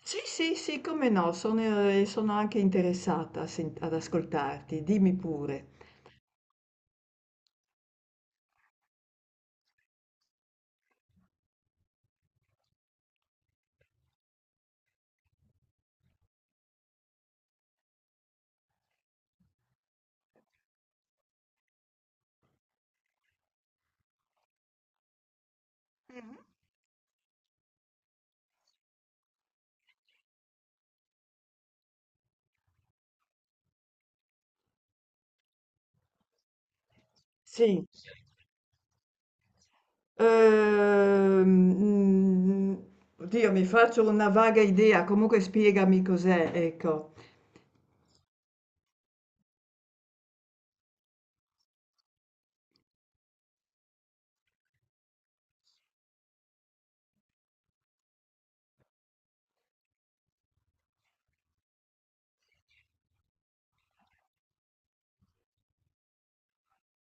Sì, sì, sì, come no, sono, sono anche interessata a ad ascoltarti, dimmi pure. Sì, ehm, mm, oddio, mi faccio una vaga idea, comunque spiegami cos'è, ecco.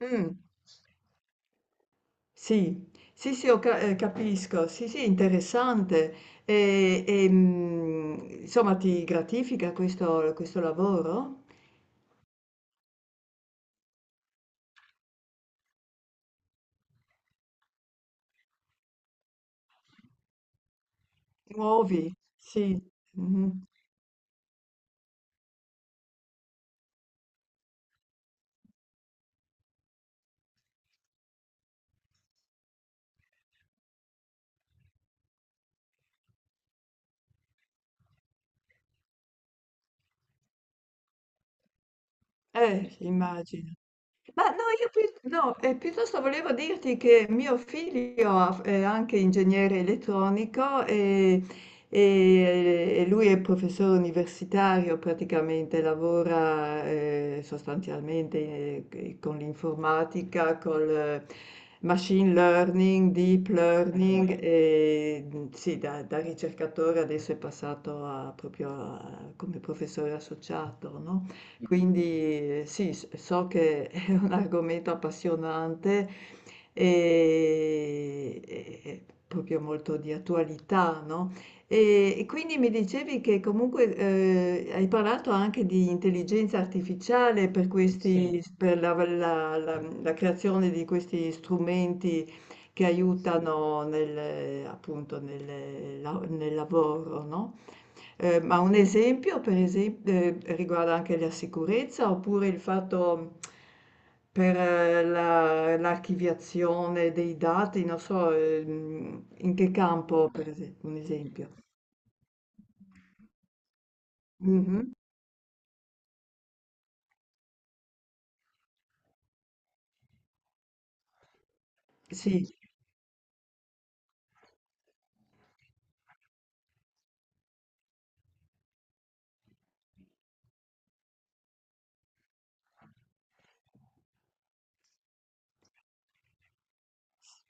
Mm, sì, sì, sì, capisco, sì, sì, interessante. Mm, insomma, ti gratifica questo lavoro? Nuovi, sì. Mhm. Immagino. Ma no, piuttosto volevo dirti che mio figlio è anche ingegnere elettronico e, e lui è professore universitario, praticamente lavora sostanzialmente con l'informatica, col machine learning, deep learning e mm, sì, da ricercatore adesso è passato come professore associato, no? Quindi sì, so che un argomento appassionante e proprio molto di attualità, no? E quindi mi dicevi che comunque hai parlato anche di intelligenza artificiale per sì, questi, sì, per la creazione di questi strumenti che aiutano nel, appunto nel, la- nel lavoro, no? Ma un esempio per esem riguarda anche la sicurezza oppure il fatto per la l'archiviazione dei dati, non so, in che campo per ese un esempio. Mh-mh. Sì. S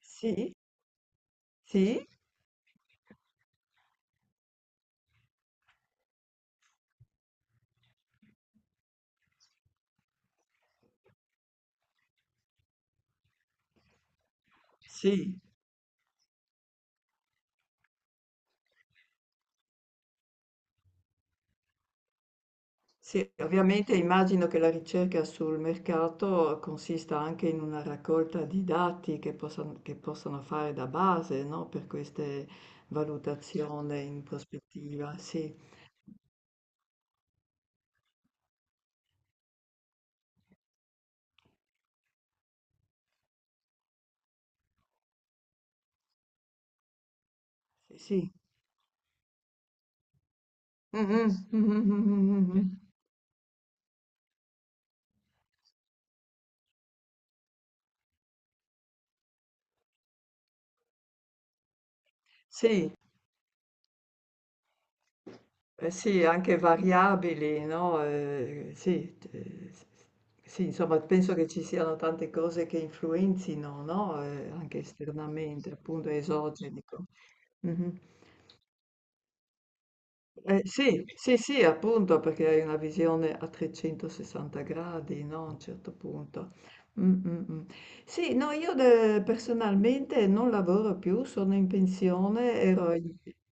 sì, sì, sì. Sì, ovviamente immagino che la ricerca sul mercato consista anche in una raccolta di dati che possono fare da base, no, per queste valutazioni in prospettiva. Sì, sì, sì. Mhm, mhm, mhm, mhm. Sì, eh sì, anche variabili, no? Sì, sì, insomma, penso che ci siano tante cose che influenzino, no? Anche esternamente, appunto esogenico. Mhm. Sì, sì, sì, appunto, perché hai una visione a 360 gradi, no? A un certo punto. Mm, mm, mm. Sì, no, personalmente non lavoro più, sono in pensione, ero,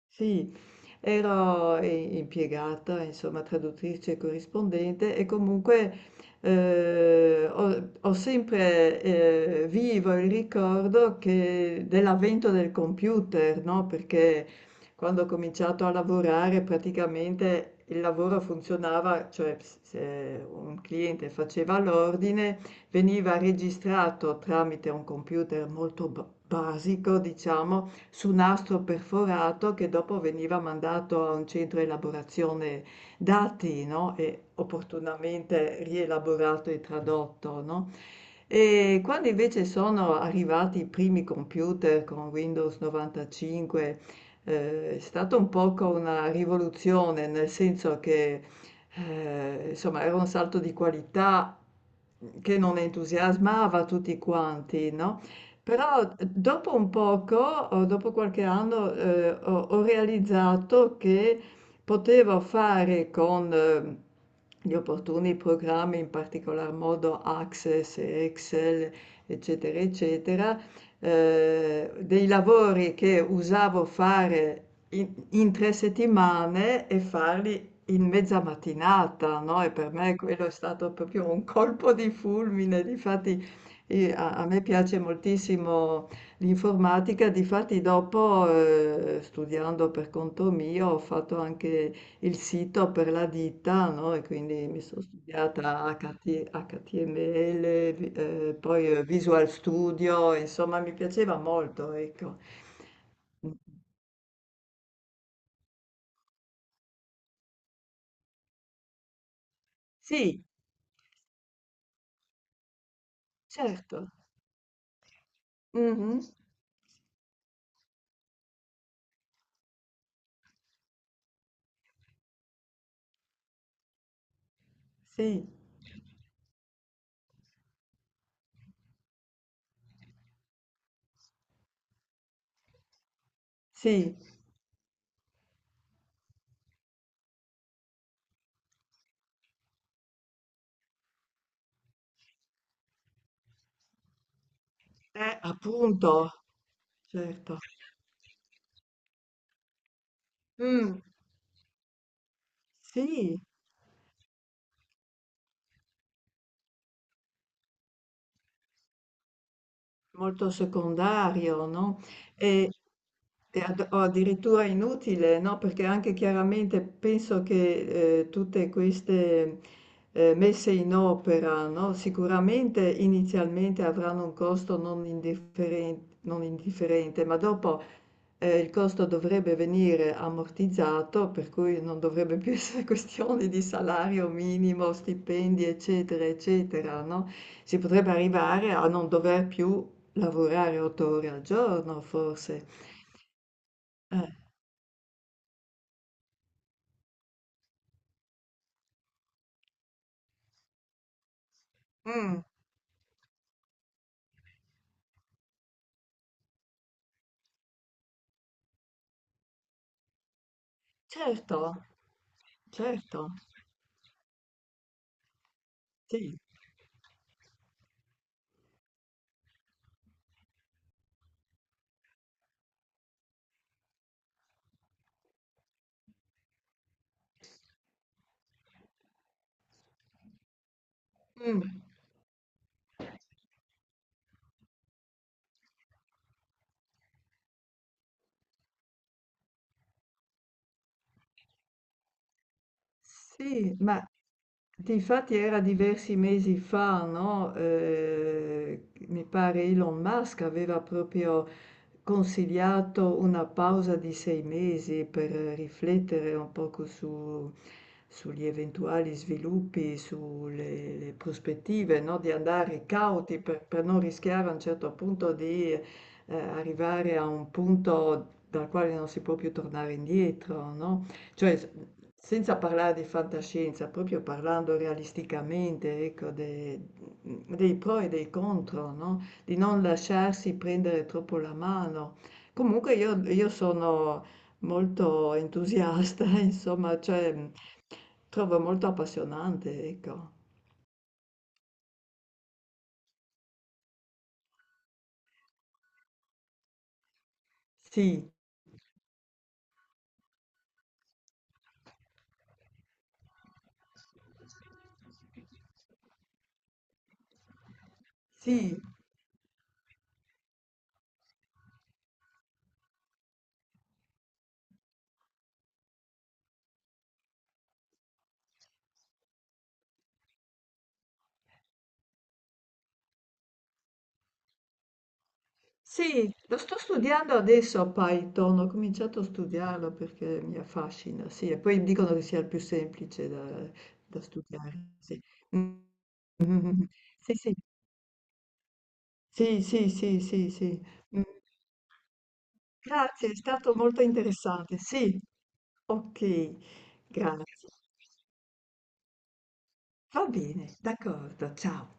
sì, ero impiegata, insomma, traduttrice e corrispondente e comunque ho sempre vivo il ricordo dell'avvento del computer, no? Perché quando ho cominciato a lavorare praticamente il lavoro funzionava, cioè se un cliente faceva l'ordine, veniva registrato tramite un computer basico, diciamo, su nastro perforato che dopo veniva mandato a un centro elaborazione dati, no? E opportunamente rielaborato e tradotto, no? E quando invece sono arrivati i primi computer con Windows 95, è stata un poco una rivoluzione, nel senso che insomma era un salto di qualità che non entusiasmava tutti quanti, no? Però dopo un poco, o dopo qualche anno, ho realizzato che poteva fare con gli opportuni programmi, in particolar modo Access e Excel, eccetera, eccetera, dei lavori che usavo fare in 3 settimane e farli in mezza mattinata, no? E per me quello è stato proprio un colpo di fulmine. Difatti, a me piace moltissimo l'informatica, difatti dopo, studiando per conto mio, ho fatto anche il sito per la ditta, no, e quindi mi sono studiata HT HTML, poi Visual Studio, insomma mi piaceva molto, ecco. Mm. Sì, certo. Mhm. Sì, sì, appunto, certo. Mm, sì. Molto secondario, no, e e ad o addirittura inutile, no, perché anche chiaramente penso che, tutte queste, messe in opera, no, sicuramente inizialmente avranno un costo non indifferente, ma dopo il costo dovrebbe venire ammortizzato, per cui non dovrebbe più essere questione di salario minimo, stipendi, eccetera, eccetera, no? Si potrebbe arrivare a non dover più lavorare 8 ore al giorno, forse. Eh, mm, certo, certo, sì. Mm. Sì, ma difatti era diversi mesi fa, no? Mi pare Elon Musk aveva proprio consigliato una pausa di 6 mesi per riflettere un poco sugli eventuali sviluppi, sulle le prospettive, no? Di andare cauti per non rischiare a un certo punto di arrivare a un punto dal quale non si può più tornare indietro, no? Cioè, senza parlare di fantascienza, proprio parlando realisticamente, ecco, dei pro e dei contro, no? Di non lasciarsi prendere troppo la mano. Comunque io sono molto entusiasta, insomma, cioè trovo molto appassionante, ecco. Sì, sì, sì, lo sto studiando adesso a Python, ho cominciato a studiarlo perché mi affascina, sì, e poi dicono che sia il più semplice da studiare, sì. Mm, sì, sì, sì, sì, sì, sì, sì. Mm, grazie, è stato molto interessante, sì, ok, grazie. Va bene, d'accordo, ciao.